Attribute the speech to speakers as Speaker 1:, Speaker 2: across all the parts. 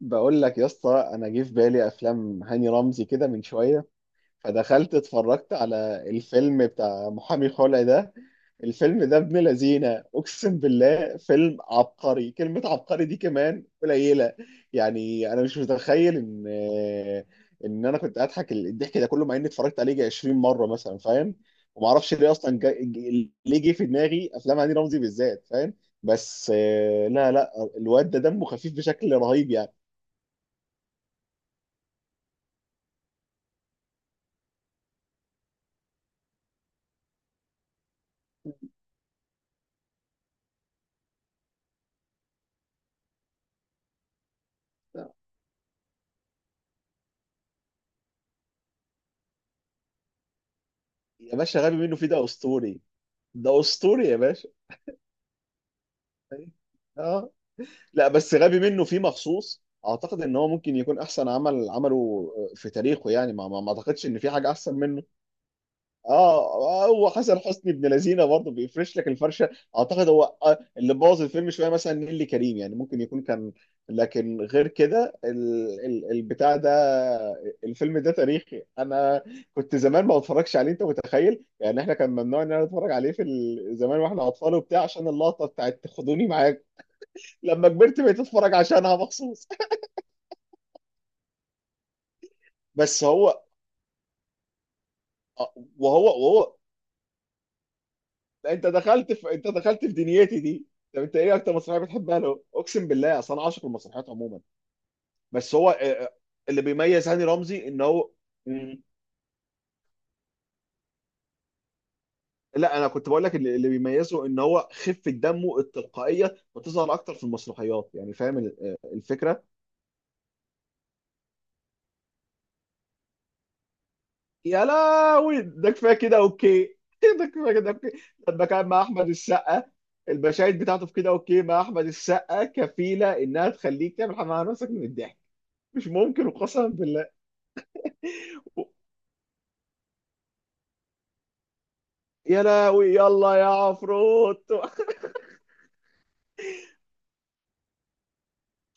Speaker 1: بقول لك يا اسطى، انا جه في بالي افلام هاني رمزي كده من شويه. فدخلت اتفرجت على الفيلم بتاع محامي خلع ده. الفيلم ده ابن لذينه، اقسم بالله فيلم عبقري، كلمه عبقري دي كمان قليله. يعني انا مش متخيل ان انا كنت اضحك الضحك ده كله، مع اني اتفرجت عليه يجي 20 مره مثلا، فاهم؟ وما اعرفش ليه اصلا ليه جه في دماغي افلام هاني رمزي بالذات، فاهم؟ بس لا، لا، الواد ده دمه خفيف بشكل رهيب يعني. يا باشا غبي منه فيه ده اسطوري. ده اسطوري يا باشا. اه. لا بس غبي منه فيه مخصوص، اعتقد ان هو ممكن يكون احسن عمل عمله في تاريخه. يعني ما اعتقدش ان في حاجه احسن منه. اه، هو حسن حسني ابن لذينه برضه، بيفرش لك الفرشه. اعتقد هو اللي بوظ الفيلم شويه مثلا نيللي كريم، يعني ممكن يكون كان. لكن غير كده البتاع ده، الفيلم ده تاريخي. انا كنت زمان ما بتفرجش عليه، انت متخيل؟ يعني احنا كان ممنوع ان انا اتفرج عليه زمان واحنا اطفال وبتاع، عشان اللقطه بتاعت خدوني معاك. لما كبرت بقيت اتفرج عشانها مخصوص. بس هو آه، وهو لا انت دخلت في دنيتي دي. طب انت ايه اكتر مسرحيه بتحبها له؟ اقسم بالله اصل انا عاشق المسرحيات عموما. بس هو اللي بيميز هاني رمزي ان هو... مم، لا انا كنت بقول لك اللي بيميزه ان هو خفه دمه التلقائيه بتظهر اكتر في المسرحيات، يعني فاهم الفكره. يا لهوي، ده كفايه كده اوكي ده كفايه كده اوكي. لما كان مع احمد السقا، المشاهد بتاعته في كده اوكي مع احمد السقا كفيله انها تخليك تعمل حمام على نفسك من الضحك. مش ممكن وقسما بالله. يا لهوي يلا يا عفروت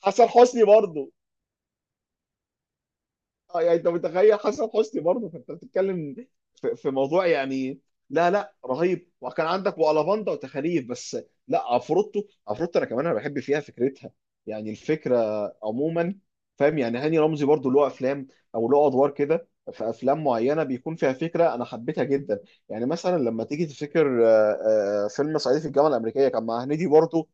Speaker 1: حسن حسني برضه. اه، يعني انت متخيل، حسن حسني برضه، فانت بتتكلم في موضوع يعني. لا، لا، رهيب. وكان عندك وألافاندا وتخاريف بس. لا، عفروتو. عفروتو انا كمان انا بحب فيها فكرتها، يعني الفكره عموما. فاهم؟ يعني هاني رمزي برضه له افلام، او له ادوار كده في افلام معينه بيكون فيها فكره انا حبيتها جدا. يعني مثلا لما تيجي تفتكر فيلم صعيدي في الجامعه الامريكيه كان مع هنيدي برضه.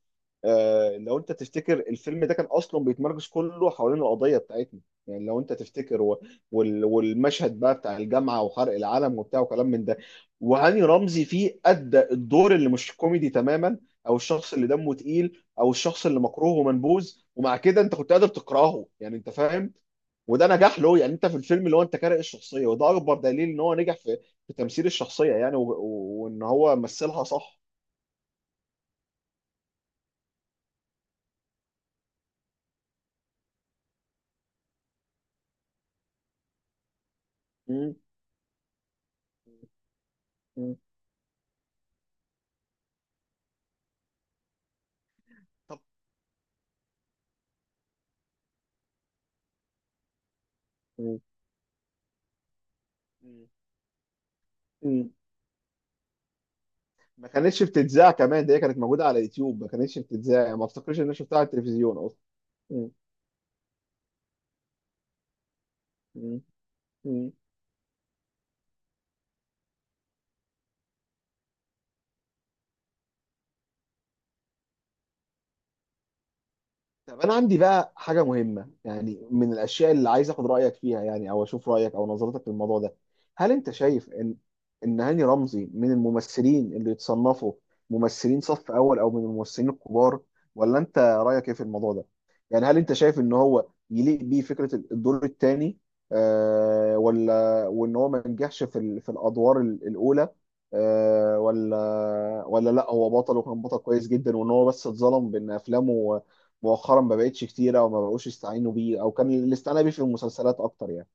Speaker 1: لو انت تفتكر الفيلم ده كان اصلا بيتمركز كله حوالين القضيه بتاعتنا. يعني لو انت تفتكر والمشهد بقى بتاع الجامعه، وحرق العلم وبتاع، وكلام من ده. وهاني رمزي فيه ادى الدور اللي مش كوميدي تماما، او الشخص اللي دمه تقيل، او الشخص اللي مكروه ومنبوذ، ومع كده انت كنت قادر تكرهه، يعني انت فاهم. وده نجاح له يعني. انت في الفيلم اللي هو انت كاره الشخصيه، وده اكبر دليل ان هو نجح في تمثيل الشخصيه، يعني وان هو مثلها صح. مم. مم. طب. مم. مم. ما كانتش بتتذاع كمان ده، هي كانت موجوده على يوتيوب. ما كانتش بتتذاع يعني، ما افتكرش ان انا شفتها على التلفزيون اصلا. م- م- م. طب انا عندي بقى حاجه مهمه، يعني من الاشياء اللي عايز اخد رايك فيها، يعني او اشوف رايك او نظرتك للموضوع ده. هل انت شايف ان هاني رمزي من الممثلين اللي يتصنفوا ممثلين صف اول، او من الممثلين الكبار؟ ولا انت رايك ايه في الموضوع ده؟ يعني هل انت شايف ان هو يليق بيه فكره الدور الثاني؟ آه، ولا وان هو ما نجحش في في الادوار الاولى؟ آه، ولا، ولا، لا، هو بطل، وكان بطل كويس جدا، وان هو بس اتظلم بان افلامه مؤخرا ما بقتش كتيره، او ما بقوش يستعينوا بيه، او كان الاستعانه بيه في المسلسلات اكتر يعني.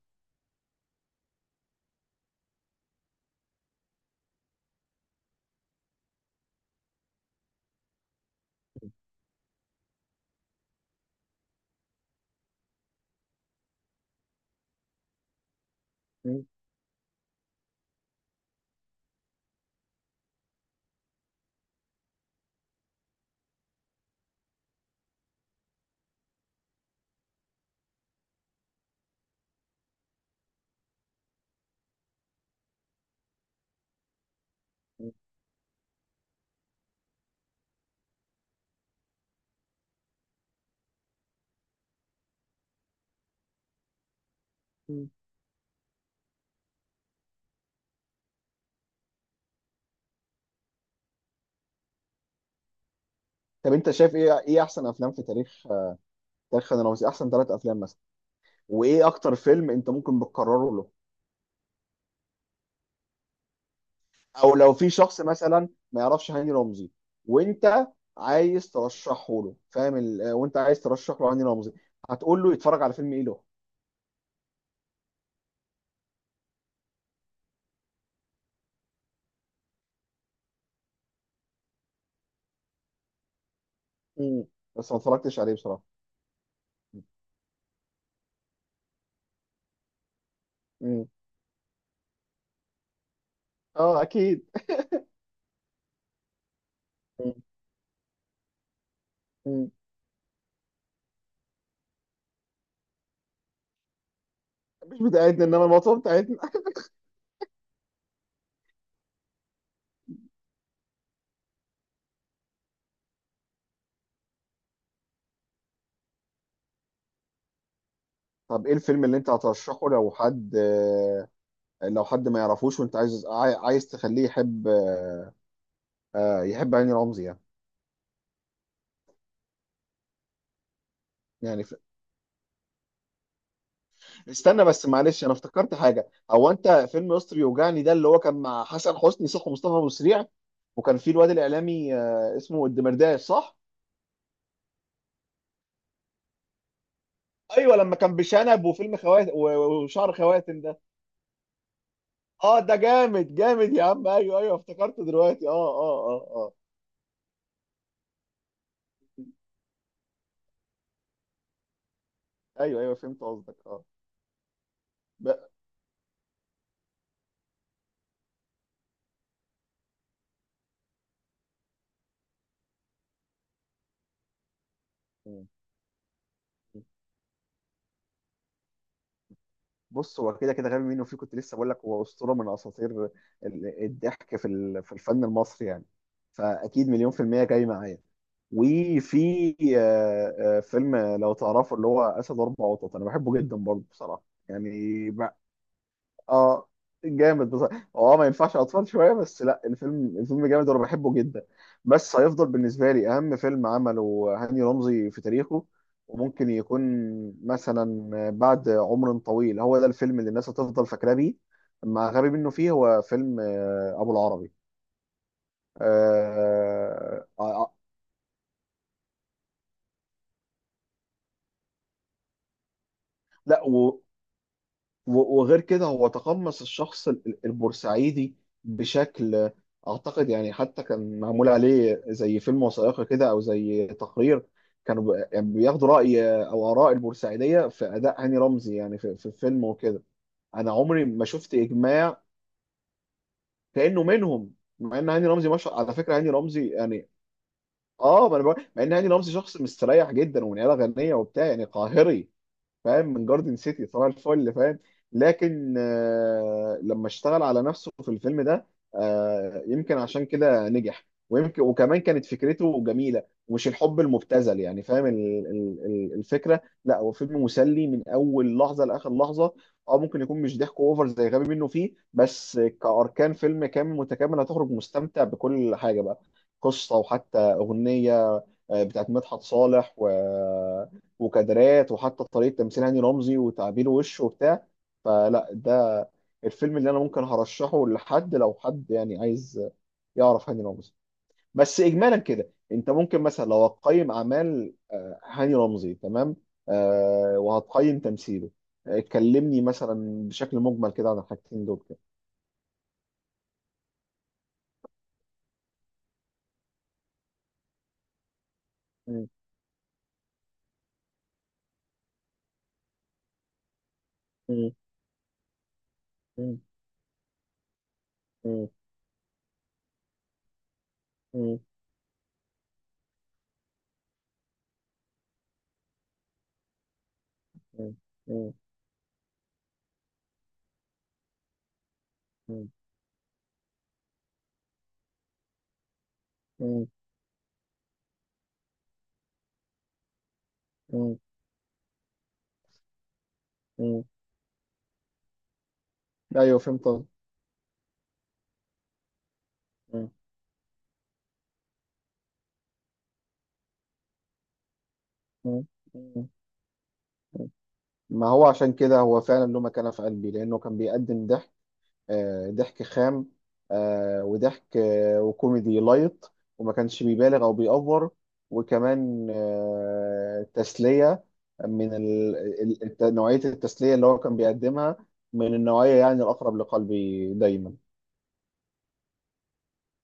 Speaker 1: م- م- طب انت شايف ايه، احسن افلام في تاريخ، انا روزي، احسن ثلاث افلام مثلا؟ وايه اكتر فيلم انت ممكن بتكرره له؟ او لو في شخص مثلا ما يعرفش هاني رمزي، وانت عايز ترشحه له، فاهم وانت عايز ترشح له هاني رمزي، هتقول له يتفرج على فيلم ايه له؟ م- بس ما اتفرجتش عليه بصراحه. م. اه، اكيد. م- م. مش بتاعتنا انما الموضوع بتاعتنا. طب ايه الفيلم اللي انت هترشحه لو حد لو حد ما يعرفوش وانت عايز عايز تخليه يحب يحب هاني رمزي يعني؟ يعني استنى بس معلش، انا افتكرت حاجه. هو انت فيلم يسطا يوجعني ده، اللي هو كان مع حسن حسني صح؟ ومصطفى ابو سريع، وكان في الواد الاعلامي اسمه الدمرداش صح؟ ايوه، لما كان بشنب، وفيلم خواتم وشعر خواتم ده. اه ده جامد جامد يا عم، ايوه ايوه افتكرته دلوقتي، اه اه اه اه. ايوه، ايوه، فهمت قصدك، اه. ب... بص، هو كده كده غبي منه فيه، كنت لسه بقول لك هو اسطوره من اساطير الضحك في في الفن المصري يعني. فاكيد مليون في الميه جاي معايا. وفي فيلم لو تعرفه اللي هو اسد اربع قطط، انا بحبه جدا برضه بصراحه يعني. اه، جامد بصراحه. هو اه ما ينفعش اطفال شويه بس، لا الفيلم، جامد وانا بحبه جدا. بس هيفضل بالنسبه لي اهم فيلم عمله هاني رمزي في تاريخه. وممكن يكون مثلا بعد عمر طويل هو ده الفيلم اللي الناس هتفضل فاكراه بيه، مع غبي منه فيه. هو فيلم ابو العربي. آه، آه، آه، لا وغير كده هو تقمص الشخص البورسعيدي بشكل، اعتقد يعني حتى كان معمول عليه زي فيلم وثائقي كده او زي تقرير. كانوا يعني بياخدوا راي او اراء البورسعيديه في اداء هاني رمزي، يعني في الفيلم وكده. انا عمري ما شفت اجماع كانه منهم، مع ان هاني رمزي مش على فكره هاني رمزي يعني. اه ما انا مع ان هاني رمزي شخص مستريح جدا، ومن عيله غنيه وبتاع يعني قاهري، فاهم؟ من جاردن سيتي، صباح الفل، فاهم؟ لكن لما اشتغل على نفسه في الفيلم ده، يمكن عشان كده نجح. ويمكن وكمان كانت فكرته جميلة، ومش الحب المبتذل، يعني فاهم الفكرة. لا هو فيلم مسلي من أول لحظة لآخر لحظة. أو ممكن يكون مش ضحك أوفر زي غبي منه فيه، بس كأركان فيلم كامل متكامل هتخرج مستمتع بكل حاجة بقى، قصة وحتى أغنية بتاعت مدحت صالح، و وكادرات، وحتى طريقه تمثيل هاني رمزي وتعابير وشه وبتاع. فلا ده الفيلم اللي انا ممكن هرشحه لحد لو حد يعني عايز يعرف هاني رمزي. بس اجمالا كده، انت ممكن مثلا لو هتقيم اعمال هاني رمزي تمام، وهتقيم تمثيله، كلمني مثلا بشكل مجمل كده عن الحاجتين دول كده. مم، مم، مم، مم، مم، مم، مم، مم، مم، مم. ايوه فهمت. مم، مم، مم. ما هو عشان كده هو فعلا له مكانة في قلبي، لأنه كان بيقدم ضحك، ضحك خام، وضحك وكوميدي لايت، وما كانش بيبالغ أو بيأفور، وكمان تسلية، من نوعية التسلية اللي هو كان بيقدمها، من النوعية يعني الأقرب لقلبي دايما.